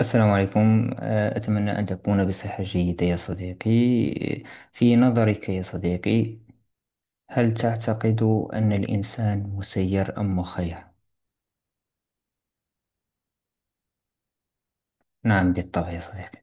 السلام عليكم، أتمنى أن تكون بصحة جيدة يا صديقي. في نظرك يا صديقي، هل تعتقد أن الإنسان مسير أم مخير؟ نعم، بالطبع يا صديقي.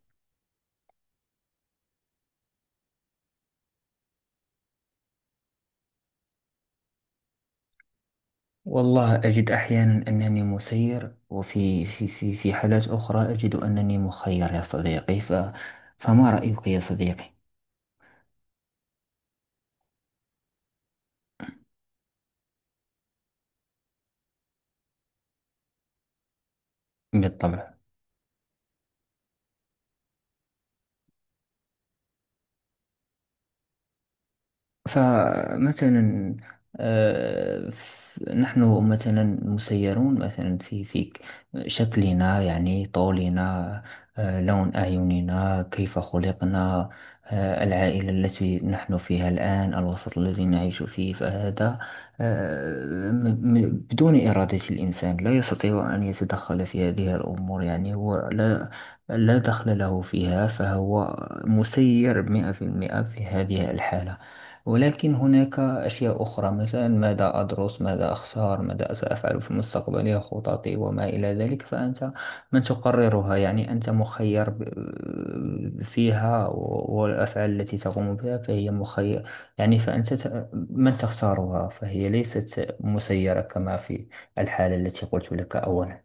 والله أجد أحيانا أنني مسير، وفي في في في حالات أخرى أجد أنني مخير يا صديقي، فما رأيك يا صديقي؟ بالطبع. فمثلا، آه، ف- نحن مثلا مسيرون، مثلا في شكلنا، يعني طولنا، لون أعيننا، كيف خلقنا، العائلة التي نحن فيها الآن، الوسط الذي نعيش فيه، فهذا آه، م- بدون إرادة الإنسان لا يستطيع أن يتدخل في هذه الأمور، يعني هو لا دخل له فيها، فهو مسير 100% في هذه الحالة. ولكن هناك أشياء أخرى، مثلا ماذا أدرس، ماذا أخسر، ماذا سأفعل في مستقبلي، خططي وما إلى ذلك، فأنت من تقررها، يعني أنت مخير فيها، والأفعال التي تقوم بها فهي مخير، يعني فأنت من تختارها، فهي ليست مسيرة كما في الحالة التي قلت لك أولا.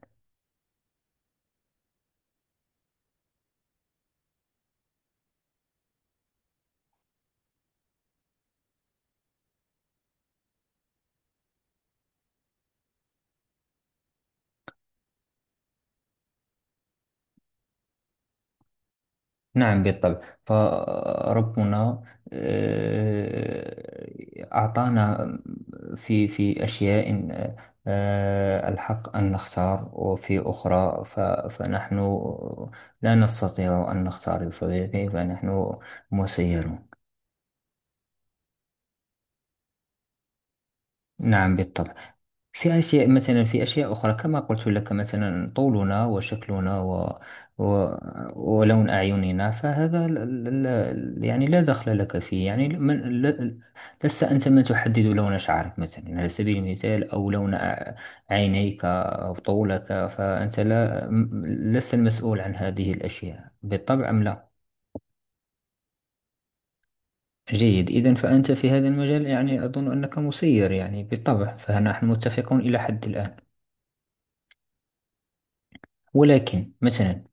نعم، بالطبع. فربنا أعطانا في أشياء الحق أن نختار، وفي أخرى فنحن لا نستطيع أن نختار بطبيعة، فنحن مسيرون. نعم، بالطبع. في أشياء، مثلا في أشياء أخرى كما قلت لك، مثلا طولنا وشكلنا و... ولون أعيننا، فهذا لا يعني لا دخل لك فيه، يعني من... لا... لست أنت من تحدد لون شعرك مثلا، على سبيل المثال، أو لون عينيك أو طولك، فأنت لا م- لست المسؤول عن هذه الأشياء بالطبع، أم لا. جيد، إذا فأنت في هذا المجال يعني أظن أنك مسير، يعني بالطبع، فنحن متفقون إلى حد الآن. ولكن مثلا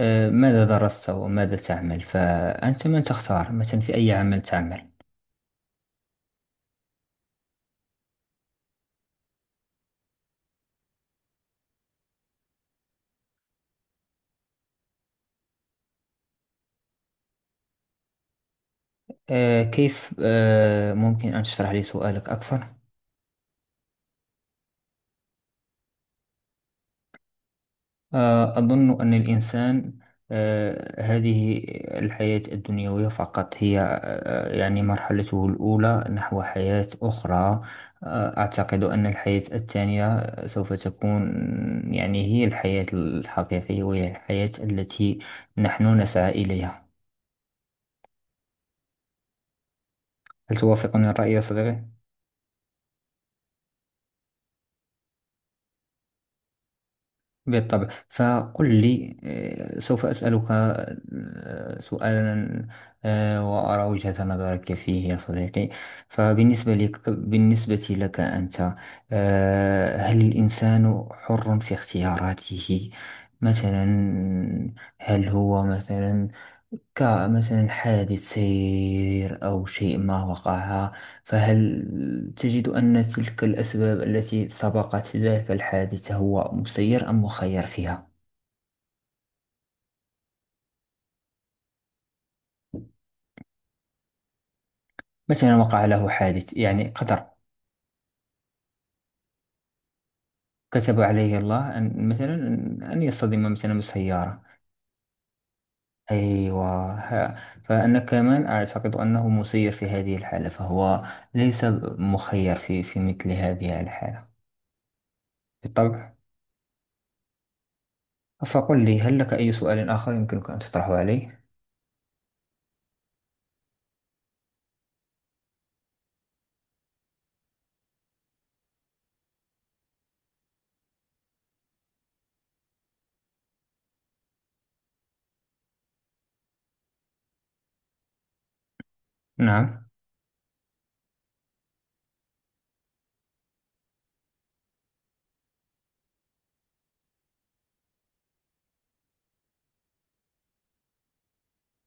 ماذا درست وماذا تعمل، فأنت من تختار مثلا في أي عمل تعمل. كيف؟ ممكن أن تشرح لي سؤالك أكثر؟ أظن أن الإنسان، هذه الحياة الدنيوية فقط هي يعني مرحلته الأولى نحو حياة أخرى. أعتقد أن الحياة الثانية سوف تكون يعني هي الحياة الحقيقية، وهي الحياة التي نحن نسعى إليها. هل توافقني الرأي يا صديقي؟ بالطبع. فقل لي، سوف أسألك سؤالا، وأرى وجهة نظرك فيه يا صديقي. فبالنسبة لك أنت، هل الإنسان حر في اختياراته؟ مثلا هل هو مثلا كمثلا حادث سير أو شيء ما وقع، فهل تجد أن تلك الأسباب التي سبقت ذلك الحادث هو مسير أم مخير فيها؟ مثلا وقع له حادث، يعني قدر، كتب عليه الله أن مثلا أن يصطدم مثلا بسيارة. أيوة، فأنا كمان أعتقد أنه مسير في هذه الحالة، فهو ليس مخير في مثل هذه الحالة، بالطبع. فقل لي، هل لك أي سؤال آخر يمكنك أن تطرحه علي؟ نعم،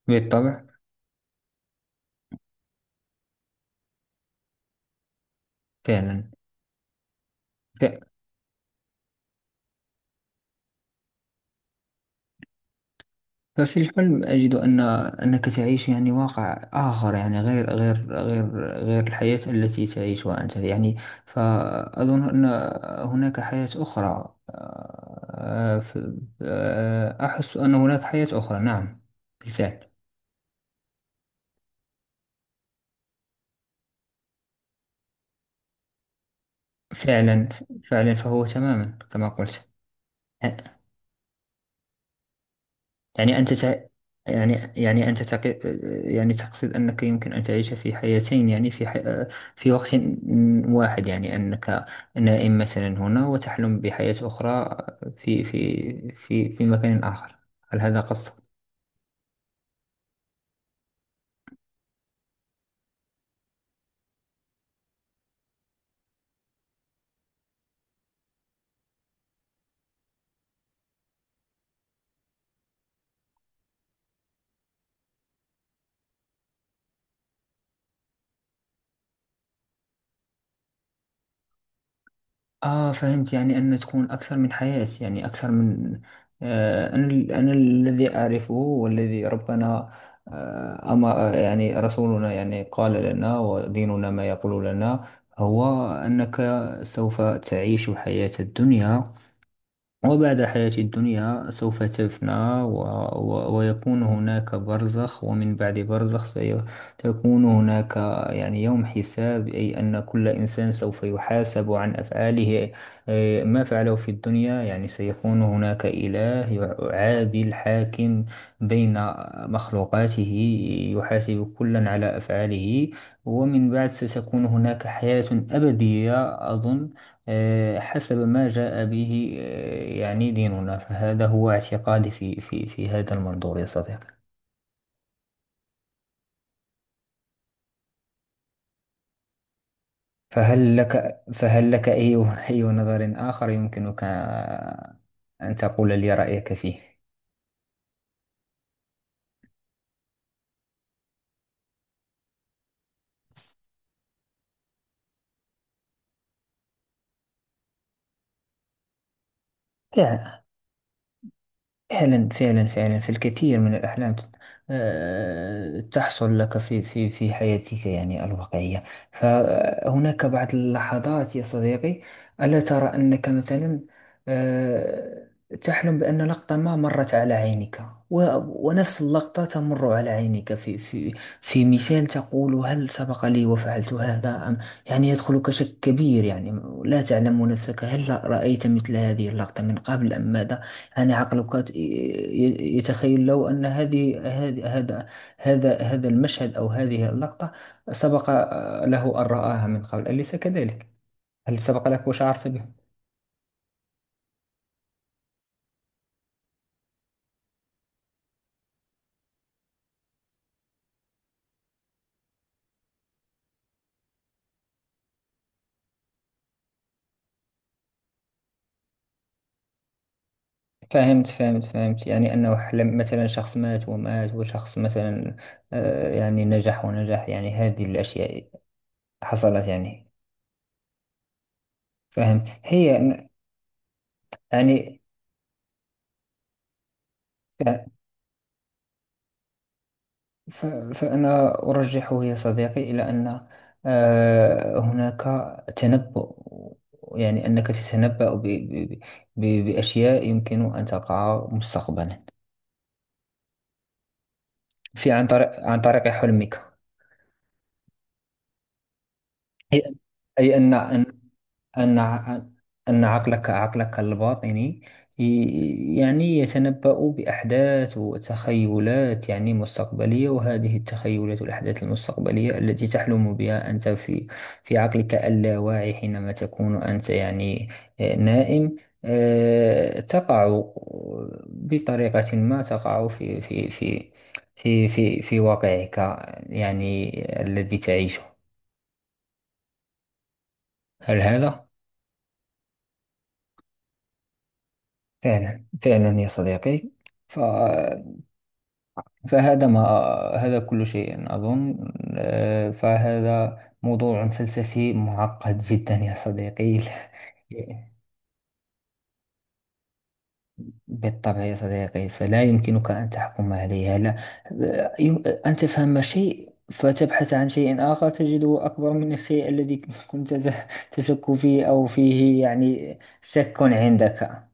بالطبع. فعلا، ففي الحلم أجد أن أنك تعيش يعني واقع آخر، يعني غير الحياة التي تعيشها أنت، يعني فأظن أن هناك حياة أخرى، أحس أن هناك حياة أخرى، نعم، بالفعل. فعلا، فعلا، فهو تماما كما قلت، يعني أنت تع... يعني يعني أنت تق... يعني تقصد أنك يمكن أن تعيش في حياتين، يعني في وقت واحد، يعني أنك نائم مثلا هنا وتحلم بحياة أخرى في مكان آخر. هل هذا قصدك؟ آه، فهمت، يعني أن تكون أكثر من حياة، يعني أكثر من... أنا الذي أعرفه والذي ربنا، أما يعني رسولنا، يعني قال لنا وديننا ما يقول لنا، هو أنك سوف تعيش حياة الدنيا، وبعد حياة الدنيا سوف تفنى، و... ويكون هناك برزخ، ومن بعد برزخ سيكون هناك يعني يوم حساب، أي أن كل إنسان سوف يحاسب عن أفعاله، ما فعله في الدنيا، يعني سيكون هناك إله عادل، حاكم بين مخلوقاته، يحاسب كلا على أفعاله، ومن بعد ستكون هناك حياة أبدية، أظن حسب ما جاء به يعني ديننا، فهذا هو اعتقادي في هذا المنظور يا صديقي. فهل لك أي أي نظر آخر يمكنك أن تقول لي رأيك فيه؟ لا. فعلا، فعلا، فعلا، فالكثير من الأحلام تحصل لك في حياتك، يعني الواقعية. فهناك بعض اللحظات يا صديقي، ألا ترى أنك مثلا آه، تحلم بأن لقطة ما مرت على عينك، ونفس اللقطة تمر على عينك في مثال، تقول: هل سبق لي وفعلت هذا أم؟ يعني يدخلك شك كبير، يعني لا تعلم نفسك هل رأيت مثل هذه اللقطة من قبل أم ماذا، يعني عقلك يتخيل لو أن هذه هذا المشهد أو هذه اللقطة سبق له أن رآها من قبل، أليس كذلك؟ هل سبق لك وشعرت به؟ فهمت، فهمت، فهمت، يعني أنه حلم مثلا شخص مات ومات، وشخص مثلا يعني نجح ونجح، يعني هذه الأشياء حصلت يعني. فهمت هي يعني، ف- فأنا أرجحه يا صديقي إلى أن هناك تنبؤ، يعني أنك تتنبأ بأشياء يمكن أن تقع مستقبلا، في عن طريق حلمك، أي أن أن عقلك الباطني يعني يتنبأ بأحداث وتخيلات، يعني مستقبلية، وهذه التخيلات والأحداث المستقبلية التي تحلم بها أنت في عقلك اللاواعي، حينما تكون أنت يعني نائم، تقع بطريقة ما، تقع في واقعك، يعني الذي تعيشه. هل هذا؟ فعلا، فعلا يا صديقي، ف... فهذا ما هذا كل شيء أظن، فهذا موضوع فلسفي معقد جدا يا صديقي. بالطبع يا صديقي، فلا يمكنك أن تحكم عليها، لا، أن تفهم شيء فتبحث عن شيء آخر تجده أكبر من الشيء الذي كنت تشك فيه أو فيه، يعني شك عندك.